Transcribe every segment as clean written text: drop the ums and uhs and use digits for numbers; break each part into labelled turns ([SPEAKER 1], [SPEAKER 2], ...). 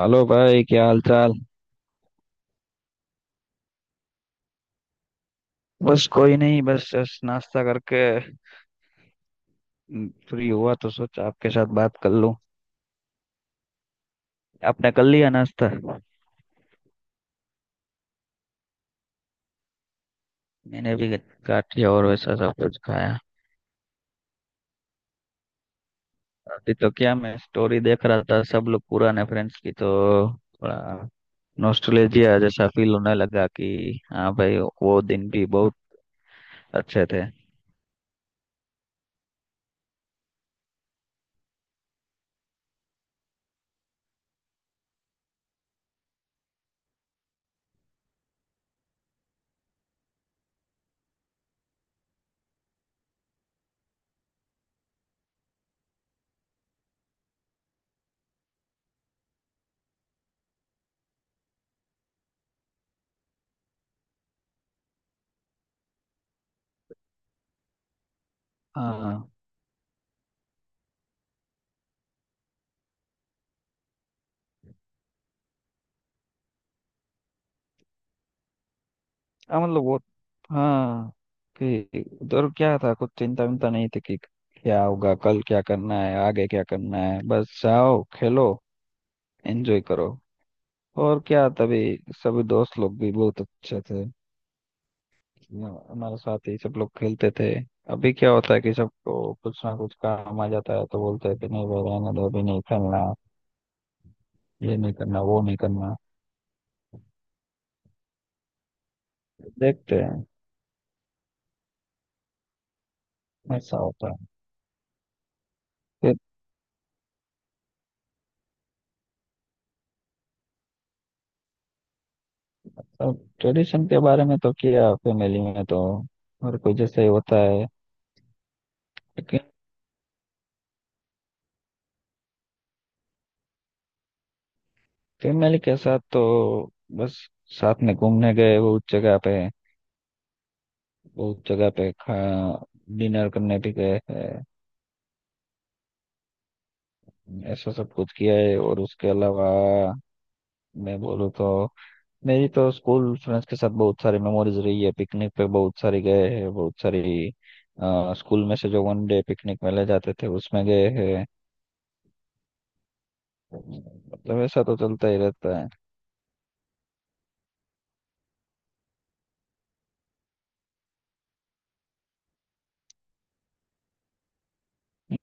[SPEAKER 1] Hello भाई, क्या हाल चाल। बस कोई नहीं, बस जस्ट नाश्ता करके। फ्री हुआ तो सोचा आपके साथ बात कर लूं। आपने कर लिया नाश्ता? मैंने भी काट लिया और वैसा सब कुछ खाया। अभी तो क्या, मैं स्टोरी देख रहा था सब लोग पुराने फ्रेंड्स की, तो थोड़ा नॉस्टैल्जिया जैसा फील होने लगा कि हाँ भाई वो दिन भी बहुत अच्छे थे। हाँ हाँ, मतलब वो। हाँ, कि उधर क्या था, कुछ चिंता विंता नहीं थी कि क्या होगा कल, क्या करना है आगे क्या करना है, बस जाओ खेलो एंजॉय करो। और क्या, तभी सभी दोस्त लोग भी बहुत अच्छे थे, हमारे साथ ही सब लोग खेलते थे। अभी क्या होता है कि सबको कुछ ना कुछ काम आ जाता है तो बोलते हैं कि नहीं भाई रहने दो अभी नहीं खेलना, ये नहीं करना वो नहीं करना। देखते हैं, ऐसा होता है। अब ट्रेडिशन के बारे में तो किया, फैमिली में तो हर कोई जैसे ही होता है लेकिन। फैमिली के साथ तो बस साथ में घूमने गए बहुत जगह पे, बहुत जगह पे खा डिनर करने भी गए हैं, ऐसा सब कुछ किया है। और उसके अलावा मैं बोलूँ तो, मेरी तो स्कूल फ्रेंड्स के साथ बहुत सारी मेमोरीज रही है। पिकनिक पे बहुत सारी गए हैं बहुत सारी, स्कूल में से जो वन डे पिकनिक में ले जाते थे उसमें गए हैं। मतलब ऐसा तो चलता ही रहता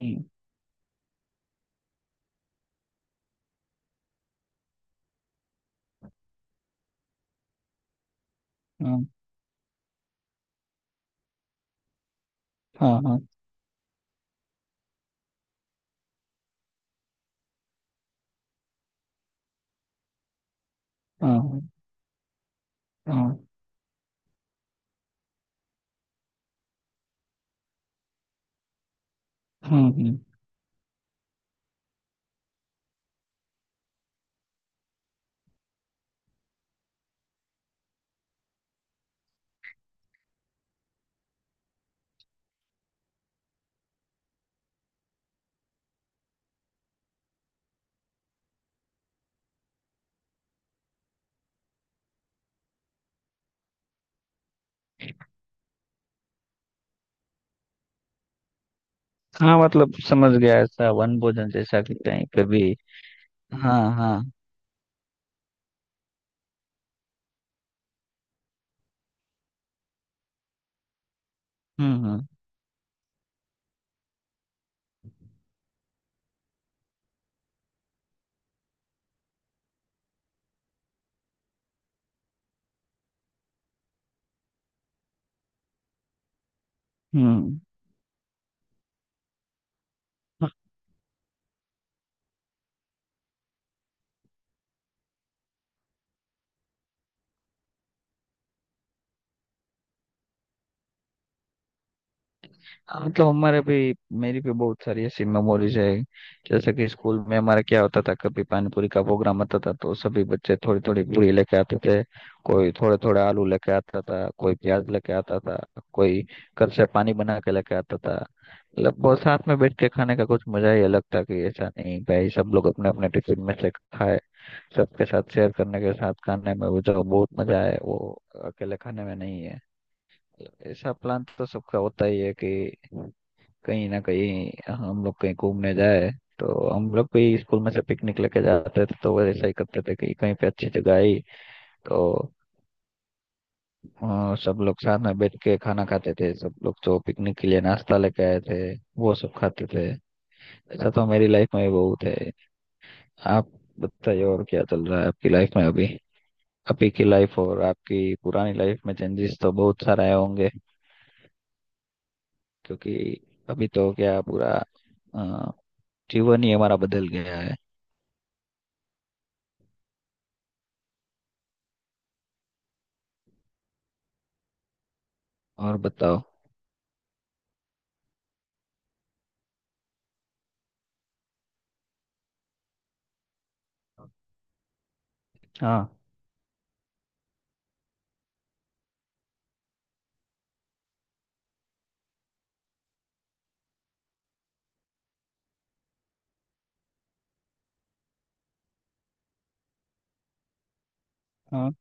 [SPEAKER 1] है। हाँ हाँ। हाँ हाँ। हाँ हाँ। हम्म। हाँ, मतलब समझ गया ऐसा वन भोजन जैसा कि कहीं पे भी। हाँ हाँ। हम्म। हम्म। हम्म। हाँ, मतलब हमारे भी, मेरी भी बहुत सारी ऐसी मेमोरीज है। जैसे कि स्कूल में हमारा क्या होता था, कभी पानीपुरी का प्रोग्राम आता था तो सभी बच्चे थोड़ी थोड़ी पूरी लेके आते थे, कोई थोड़े थोड़े आलू लेके आता था, कोई प्याज लेके आता था, कोई घर से पानी बना के लेके आता था। मतलब बहुत साथ में बैठ के खाने का कुछ मजा ही अलग था कि ऐसा नहीं भाई सब लोग अपने अपने टिफिन में से खाए। सबके साथ शेयर करने के साथ खाने में वो जो बहुत मजा है वो अकेले खाने में नहीं है। ऐसा प्लान तो सबका होता ही है कि कहीं ना कहीं हम लोग कहीं घूमने जाए, तो हम लोग भी स्कूल में से पिकनिक लेके जाते थे तो वैसा ही करते थे कि कहीं पे अच्छी जगह आई तो सब लोग साथ में बैठ के खाना खाते थे, सब लोग जो पिकनिक के लिए नाश्ता लेके आए थे वो सब खाते थे। ऐसा तो मेरी लाइफ में भी बहुत है। आप बताइए और क्या चल रहा है आपकी लाइफ में, अभी अभी की लाइफ और आपकी पुरानी लाइफ में चेंजेस तो बहुत सारे आए होंगे। क्योंकि अभी तो क्या पूरा अ, जीवन ही हमारा बदल गया है। और बताओ। हाँ। हाँ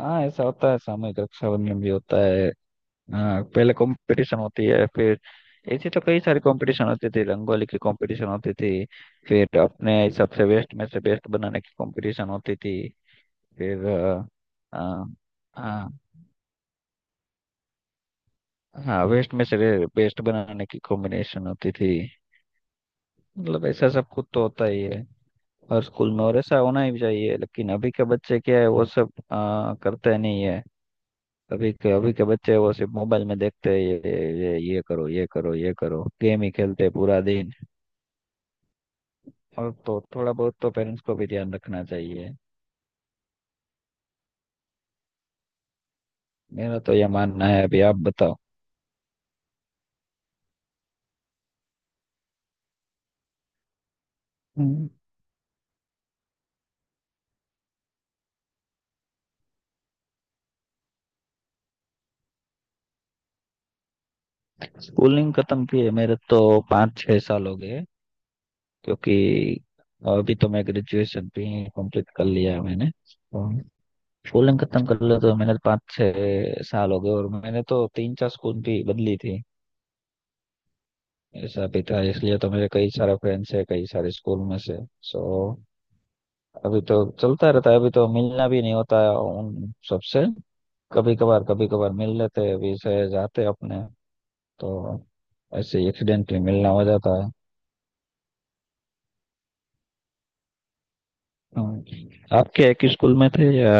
[SPEAKER 1] हाँ, ऐसा होता है, सामूहिक रक्षाबंधन भी होता है। हाँ, पहले कंपटीशन होती है फिर। ऐसे तो कई सारे कंपटीशन होते थे, रंगोली की कंपटीशन होती थी, फिर अपने हिसाब से वेस्ट में से बेस्ट बनाने की कंपटीशन होती थी। फिर अ, हाँ हाँ, वेस्ट में से बेस्ट बनाने की कॉम्बिनेशन होती थी। मतलब ऐसा सब कुछ तो होता ही है और स्कूल में, और ऐसा होना ही चाहिए। लेकिन अभी के बच्चे क्या है वो सब करते नहीं है। अभी के बच्चे वो सिर्फ मोबाइल में देखते हैं। ये ये करो, ये करो, ये करो। गेम ही खेलते हैं पूरा दिन, और तो थोड़ा बहुत तो पेरेंट्स को भी ध्यान रखना चाहिए, मेरा तो ये मानना है। अभी आप बताओ। हम्म। स्कूलिंग खत्म की है मेरे तो 5-6 साल हो गए। क्योंकि अभी तो मैं ग्रेजुएशन भी कंप्लीट कर लिया है मैंने। और स्कूलिंग खत्म कर लिया तो मैंने 5-6 साल हो गए, और मैंने तो तीन चार स्कूल भी बदली थी। ऐसा भी था, इसलिए तो मेरे कई सारे फ्रेंड्स है कई सारे स्कूल में से। सो अभी तो चलता रहता है, अभी तो मिलना भी नहीं होता है उन सबसे। कभी कभार कभी कभार मिल लेते हैं अभी से जाते अपने तो ऐसे एक्सीडेंटली मिलना हो जाता है। आपके एक स्कूल में थे या?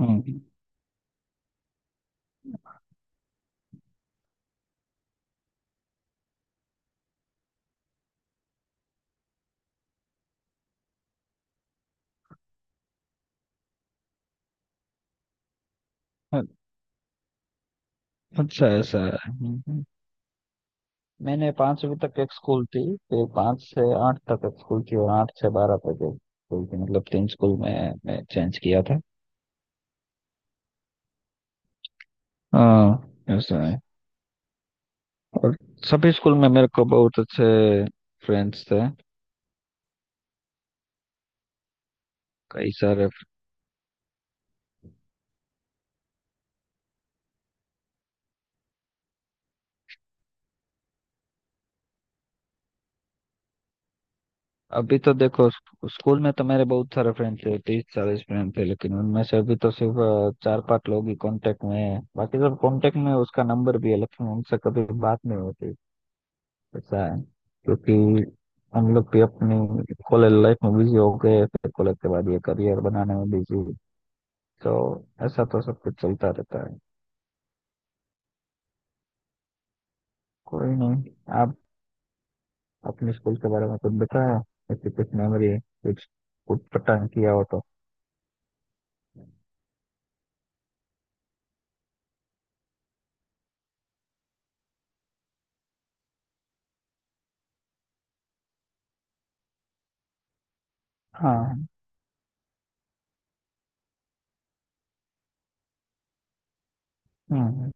[SPEAKER 1] हम्म, अच्छा ऐसा है। हम्म। हम्म। मैंने 5वीं तक एक स्कूल थी, फिर पांच से आठ तक एक स्कूल थी और आठ से 12 तक एक स्कूल थी, मतलब तीन स्कूल में मैं चेंज किया था। हाँ ऐसा है। और सभी स्कूल में मेरे को बहुत अच्छे फ्रेंड्स थे, कई सारे। अभी तो देखो, स्कूल में तो मेरे बहुत सारे फ्रेंड थे, 30-40 फ्रेंड थे, लेकिन उनमें से अभी तो सिर्फ चार पांच लोग ही कांटेक्ट में है। बाकी सब कांटेक्ट में हैं, उसका नंबर भी है लेकिन उनसे कभी बात नहीं होती। ऐसा है। क्योंकि हम लोग भी अपनी कॉलेज लाइफ में बिजी हो गए, फिर कॉलेज के बाद ये करियर बनाने में बिजी। तो ऐसा तो सब कुछ चलता रहता है, कोई नहीं। आप अपने स्कूल के बारे में कुछ बताया? ऐसी कुछ मेमोरी, कुछ कुछ पता किया हो तो। हाँ। हम्म। हम्म।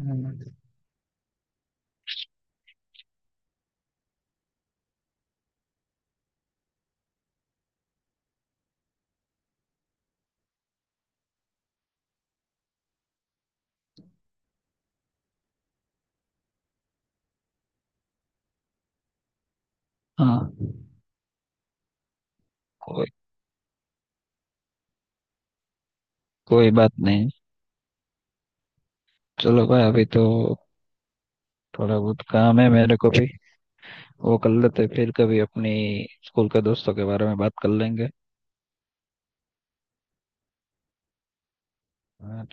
[SPEAKER 1] हम्म, हम्म। हाँ। कोई कोई बात नहीं। चलो भाई अभी तो थोड़ा बहुत काम है मेरे को भी, वो कर लेते हैं, फिर कभी अपनी स्कूल के दोस्तों के बारे में बात कर लेंगे। हाँ,